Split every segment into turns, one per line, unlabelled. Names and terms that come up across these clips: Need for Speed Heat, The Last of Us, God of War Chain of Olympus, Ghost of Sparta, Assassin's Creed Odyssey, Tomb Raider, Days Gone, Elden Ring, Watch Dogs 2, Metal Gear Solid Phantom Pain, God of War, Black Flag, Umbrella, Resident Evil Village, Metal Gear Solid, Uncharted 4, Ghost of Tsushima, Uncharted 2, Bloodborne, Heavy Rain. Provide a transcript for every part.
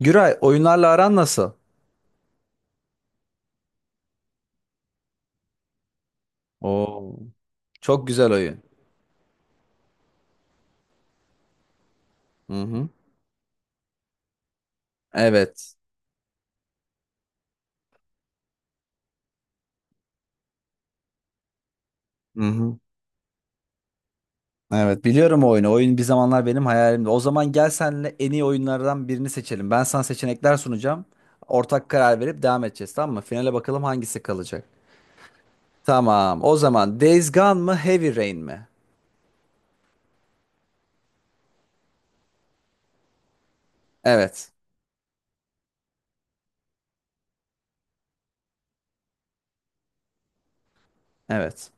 Güray, oyunlarla aran nasıl? Oo. Çok güzel oyun. Hı hı. Evet. Hı hı. Evet, biliyorum o oyunu. Oyun bir zamanlar benim hayalimdi. O zaman gel senle en iyi oyunlardan birini seçelim. Ben sana seçenekler sunacağım. Ortak karar verip devam edeceğiz, tamam mı? Finale bakalım hangisi kalacak. Tamam. O zaman Days Gone mı Heavy Rain mi? Evet. Evet.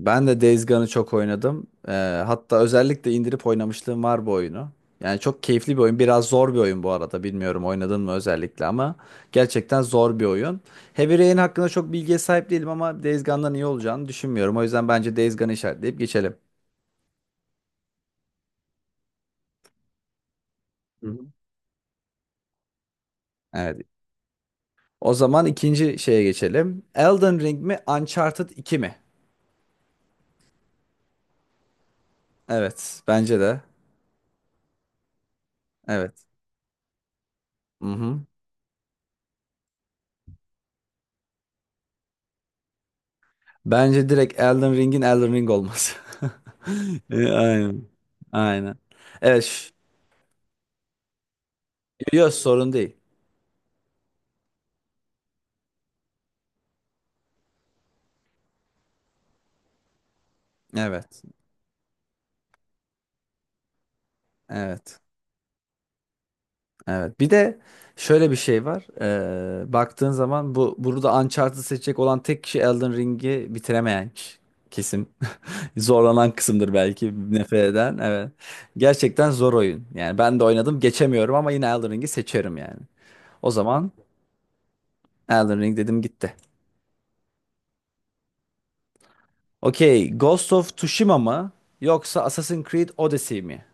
Ben de Days Gone'ı çok oynadım. Hatta özellikle indirip oynamışlığım var bu oyunu. Yani çok keyifli bir oyun. Biraz zor bir oyun bu arada. Bilmiyorum oynadın mı özellikle ama gerçekten zor bir oyun. Heavy Rain hakkında çok bilgiye sahip değilim ama Days Gone'dan iyi olacağını düşünmüyorum. O yüzden bence Days Gone'ı işaretleyip geçelim. Hı hı. Evet. O zaman ikinci şeye geçelim. Elden Ring mi, Uncharted 2 mi? Evet, bence de. Evet. Mhm. Bence direkt Elden Ring'in Elden Ring olması. Aynen. Aynen. Evet. Yok, sorun değil. Evet. Evet. Evet. Bir de şöyle bir şey var. Baktığın zaman bu burada Uncharted'ı seçecek olan tek kişi Elden Ring'i bitiremeyen kişi. Kesim. Zorlanan kısımdır, belki nefret eden. Evet. Gerçekten zor oyun. Yani ben de oynadım, geçemiyorum ama yine Elden Ring'i seçerim yani. O zaman Elden Ring dedim gitti. Okey, Ghost of Tsushima mı yoksa Assassin's Creed Odyssey mi?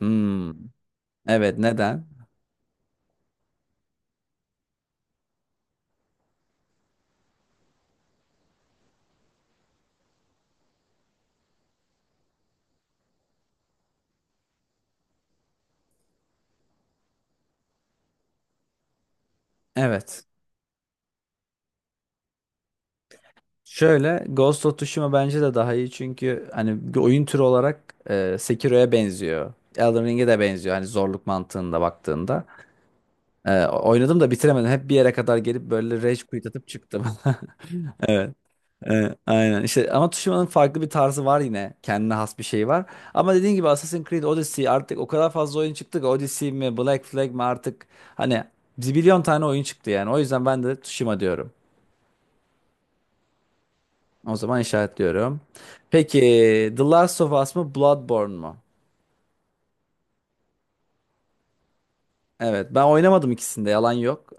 Hmm, evet, neden? Evet. Şöyle, Ghost of Tsushima bence de daha iyi çünkü hani bir oyun türü olarak Sekiro'ya benziyor. Elden Ring'e de benziyor hani zorluk mantığında baktığında. Oynadım da bitiremedim. Hep bir yere kadar gelip böyle rage quit atıp çıktım. Evet. Evet, aynen işte ama Tsushima'nın farklı bir tarzı var, yine kendine has bir şey var ama dediğin gibi Assassin's Creed Odyssey artık o kadar fazla oyun çıktı ki, Odyssey mi Black Flag mi artık, hani zibilyon tane oyun çıktı yani. O yüzden ben de Tsushima diyorum. O zaman işaretliyorum. Peki, The Last of Us mı Bloodborne mu? Evet, ben oynamadım ikisinde, yalan yok.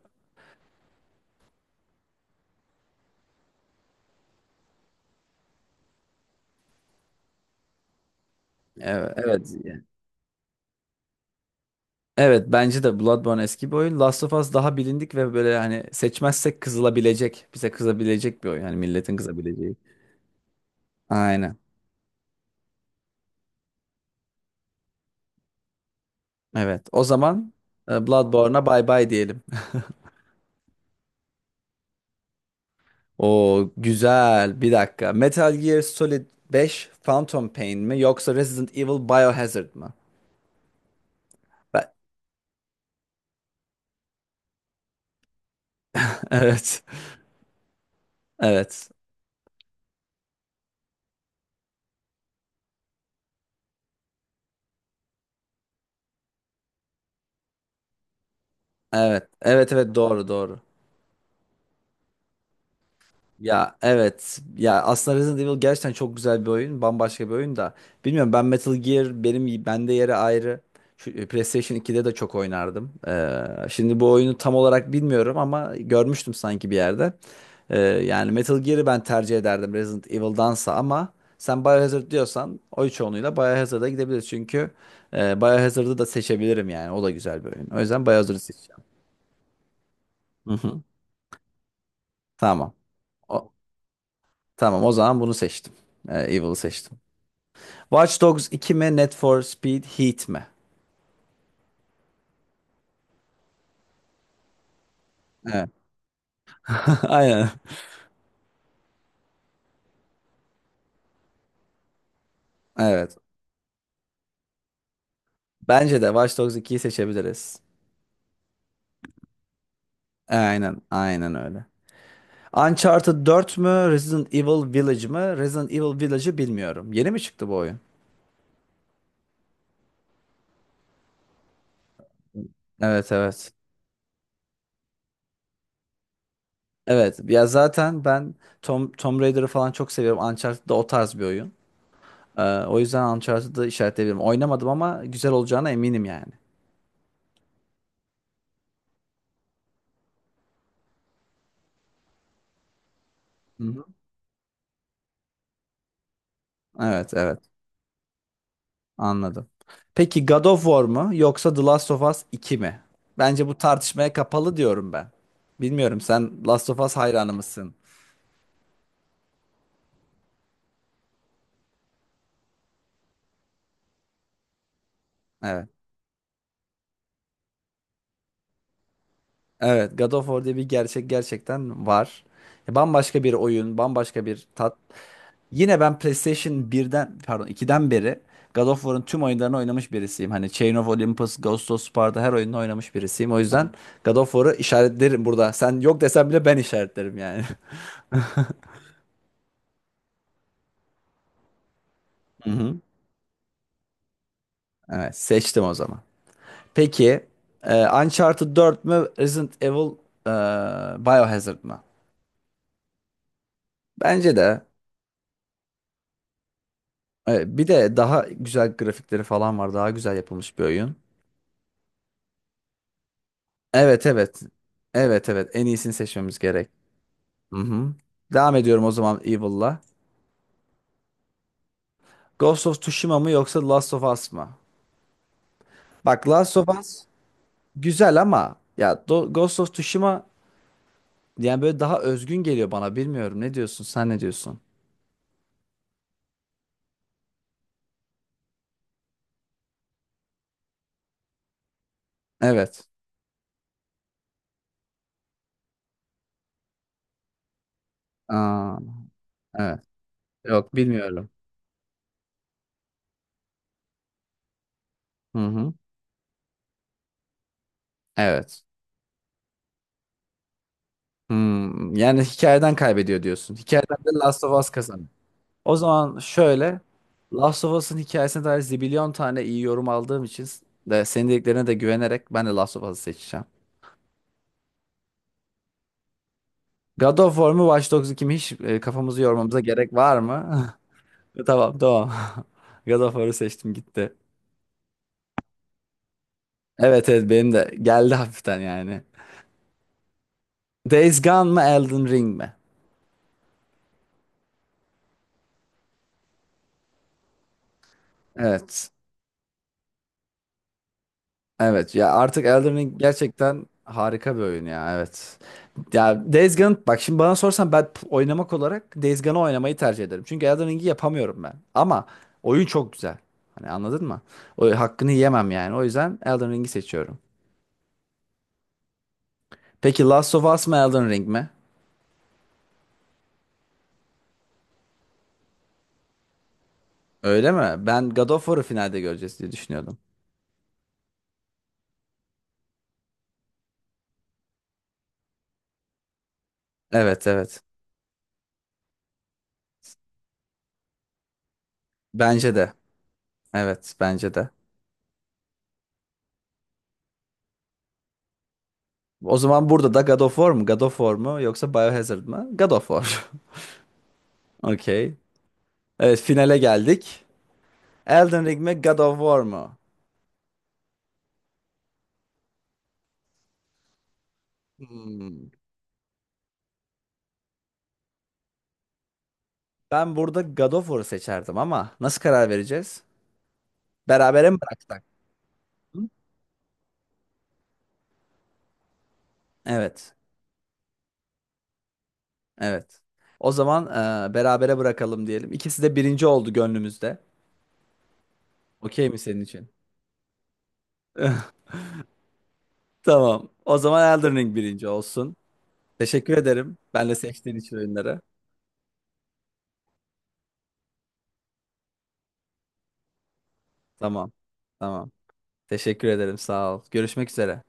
Evet, evet. Evet, bence de Bloodborne eski bir oyun, Last of Us daha bilindik ve böyle hani seçmezsek kızılabilecek, bize kızabilecek bir oyun, hani milletin kızabileceği. Aynen. Evet. O zaman Bloodborne'a bay bay diyelim. O güzel. Bir dakika. Metal Gear Solid 5, Phantom Pain mi yoksa Resident Evil Biohazard mı? Ben- Evet. Evet. Evet. Evet, evet, doğru doğru. Ya evet. Ya aslında Resident Evil gerçekten çok güzel bir oyun. Bambaşka bir oyun da. Bilmiyorum, ben Metal Gear, benim bende yeri ayrı. Şu PlayStation 2'de de çok oynardım. Şimdi bu oyunu tam olarak bilmiyorum ama görmüştüm sanki bir yerde. Yani Metal Gear'ı ben tercih ederdim Resident Evil'dansa ama sen Biohazard diyorsan oy çoğunluğuyla Biohazard'a gidebiliriz. Çünkü Biohazard'ı da seçebilirim yani. O da güzel bir oyun. O yüzden Biohazard'ı seçeceğim. Hı hı. Tamam. O, tamam, o zaman bunu seçtim. Evil'ı seçtim. Watch Dogs 2 mi? Need for Speed Heat mi? Evet. Aynen. Evet. Bence de Watch Dogs 2'yi seçebiliriz. Aynen. Aynen öyle. Uncharted 4 mü? Resident Evil Village mı? Resident Evil Village'ı bilmiyorum. Yeni mi çıktı bu oyun? Evet, evet. Evet. Ya zaten ben Tomb Raider'ı falan çok seviyorum. Uncharted da o tarz bir oyun. O yüzden Uncharted'ı işaretleyebilirim. Oynamadım ama güzel olacağına eminim yani. Hı hı. Evet, evet. Anladım. Peki, God of War mu yoksa The Last of Us 2 mi? Bence bu tartışmaya kapalı, diyorum ben. Bilmiyorum, sen Last of Us hayranı mısın? Evet. Evet, God of War diye bir gerçek gerçekten var. Ya, bambaşka bir oyun, bambaşka bir tat. Yine ben PlayStation birden, pardon, ikiden beri God of War'ın tüm oyunlarını oynamış birisiyim. Hani Chain of Olympus, Ghost of Sparta, her oyununu oynamış birisiyim. O yüzden God of War'ı işaretlerim burada. Sen yok desen bile ben işaretlerim yani. Hı hı. Evet, seçtim o zaman. Peki, Uncharted 4 mü Resident Evil e, Biohazard mı? Bence de. Bir de daha güzel grafikleri falan var. Daha güzel yapılmış bir oyun. Evet, evet. Evet, evet. En iyisini seçmemiz gerek. Hı hı. Devam ediyorum o zaman Evil'la. Ghost of Tsushima mı yoksa Last of Us mı? Bak, Last of Us güzel ama ya Ghost of Tsushima yani böyle daha özgün geliyor bana. Bilmiyorum. Ne diyorsun? Sen ne diyorsun? Evet. Aa, evet. Yok, bilmiyorum. Hı hı. Evet. Hmm, yani hikayeden kaybediyor diyorsun. Hikayeden de Last of Us kazanıyor. O zaman şöyle. Last of Us'ın hikayesine dair zibilyon tane iyi yorum aldığım için de senin dediklerine de güvenerek ben de Last of Us'ı seçeceğim. God of War mu Watch Dogs 2 mi, hiç kafamızı yormamıza gerek var mı? Tamam, tamam. God of War'ı seçtim gitti. Evet, evet, benim de geldi hafiften yani. Days Gone mı Elden Ring mi? Evet. Evet ya, artık Elden Ring gerçekten harika bir oyun ya, evet. Ya Days Gone, bak şimdi bana sorsan ben oynamak olarak Days Gone'ı oynamayı tercih ederim. Çünkü Elden Ring'i yapamıyorum ben. Ama oyun çok güzel. Hani anladın mı? O hakkını yemem yani. O yüzden Elden Ring'i seçiyorum. Peki, Last of Us mı Elden Ring mi? Öyle mi? Ben God of War'ı finalde göreceğiz diye düşünüyordum. Evet, evet. Bence de. Evet, bence de. O zaman burada da God of War mu? God of War mu? Yoksa Biohazard mı? God of War. Okey. Evet, finale geldik. Elden Ring mi? God of War mu? Hmm. Ben burada God of War'u seçerdim ama nasıl karar vereceğiz? Berabere mi bıraksak? Hı? Evet. Evet. O zaman berabere bırakalım diyelim. İkisi de birinci oldu gönlümüzde. Okey mi senin için? Tamam. O zaman Elden Ring birinci olsun. Teşekkür ederim. Ben de seçtiğin için oyunları. Tamam. Tamam. Teşekkür ederim. Sağ ol. Görüşmek üzere.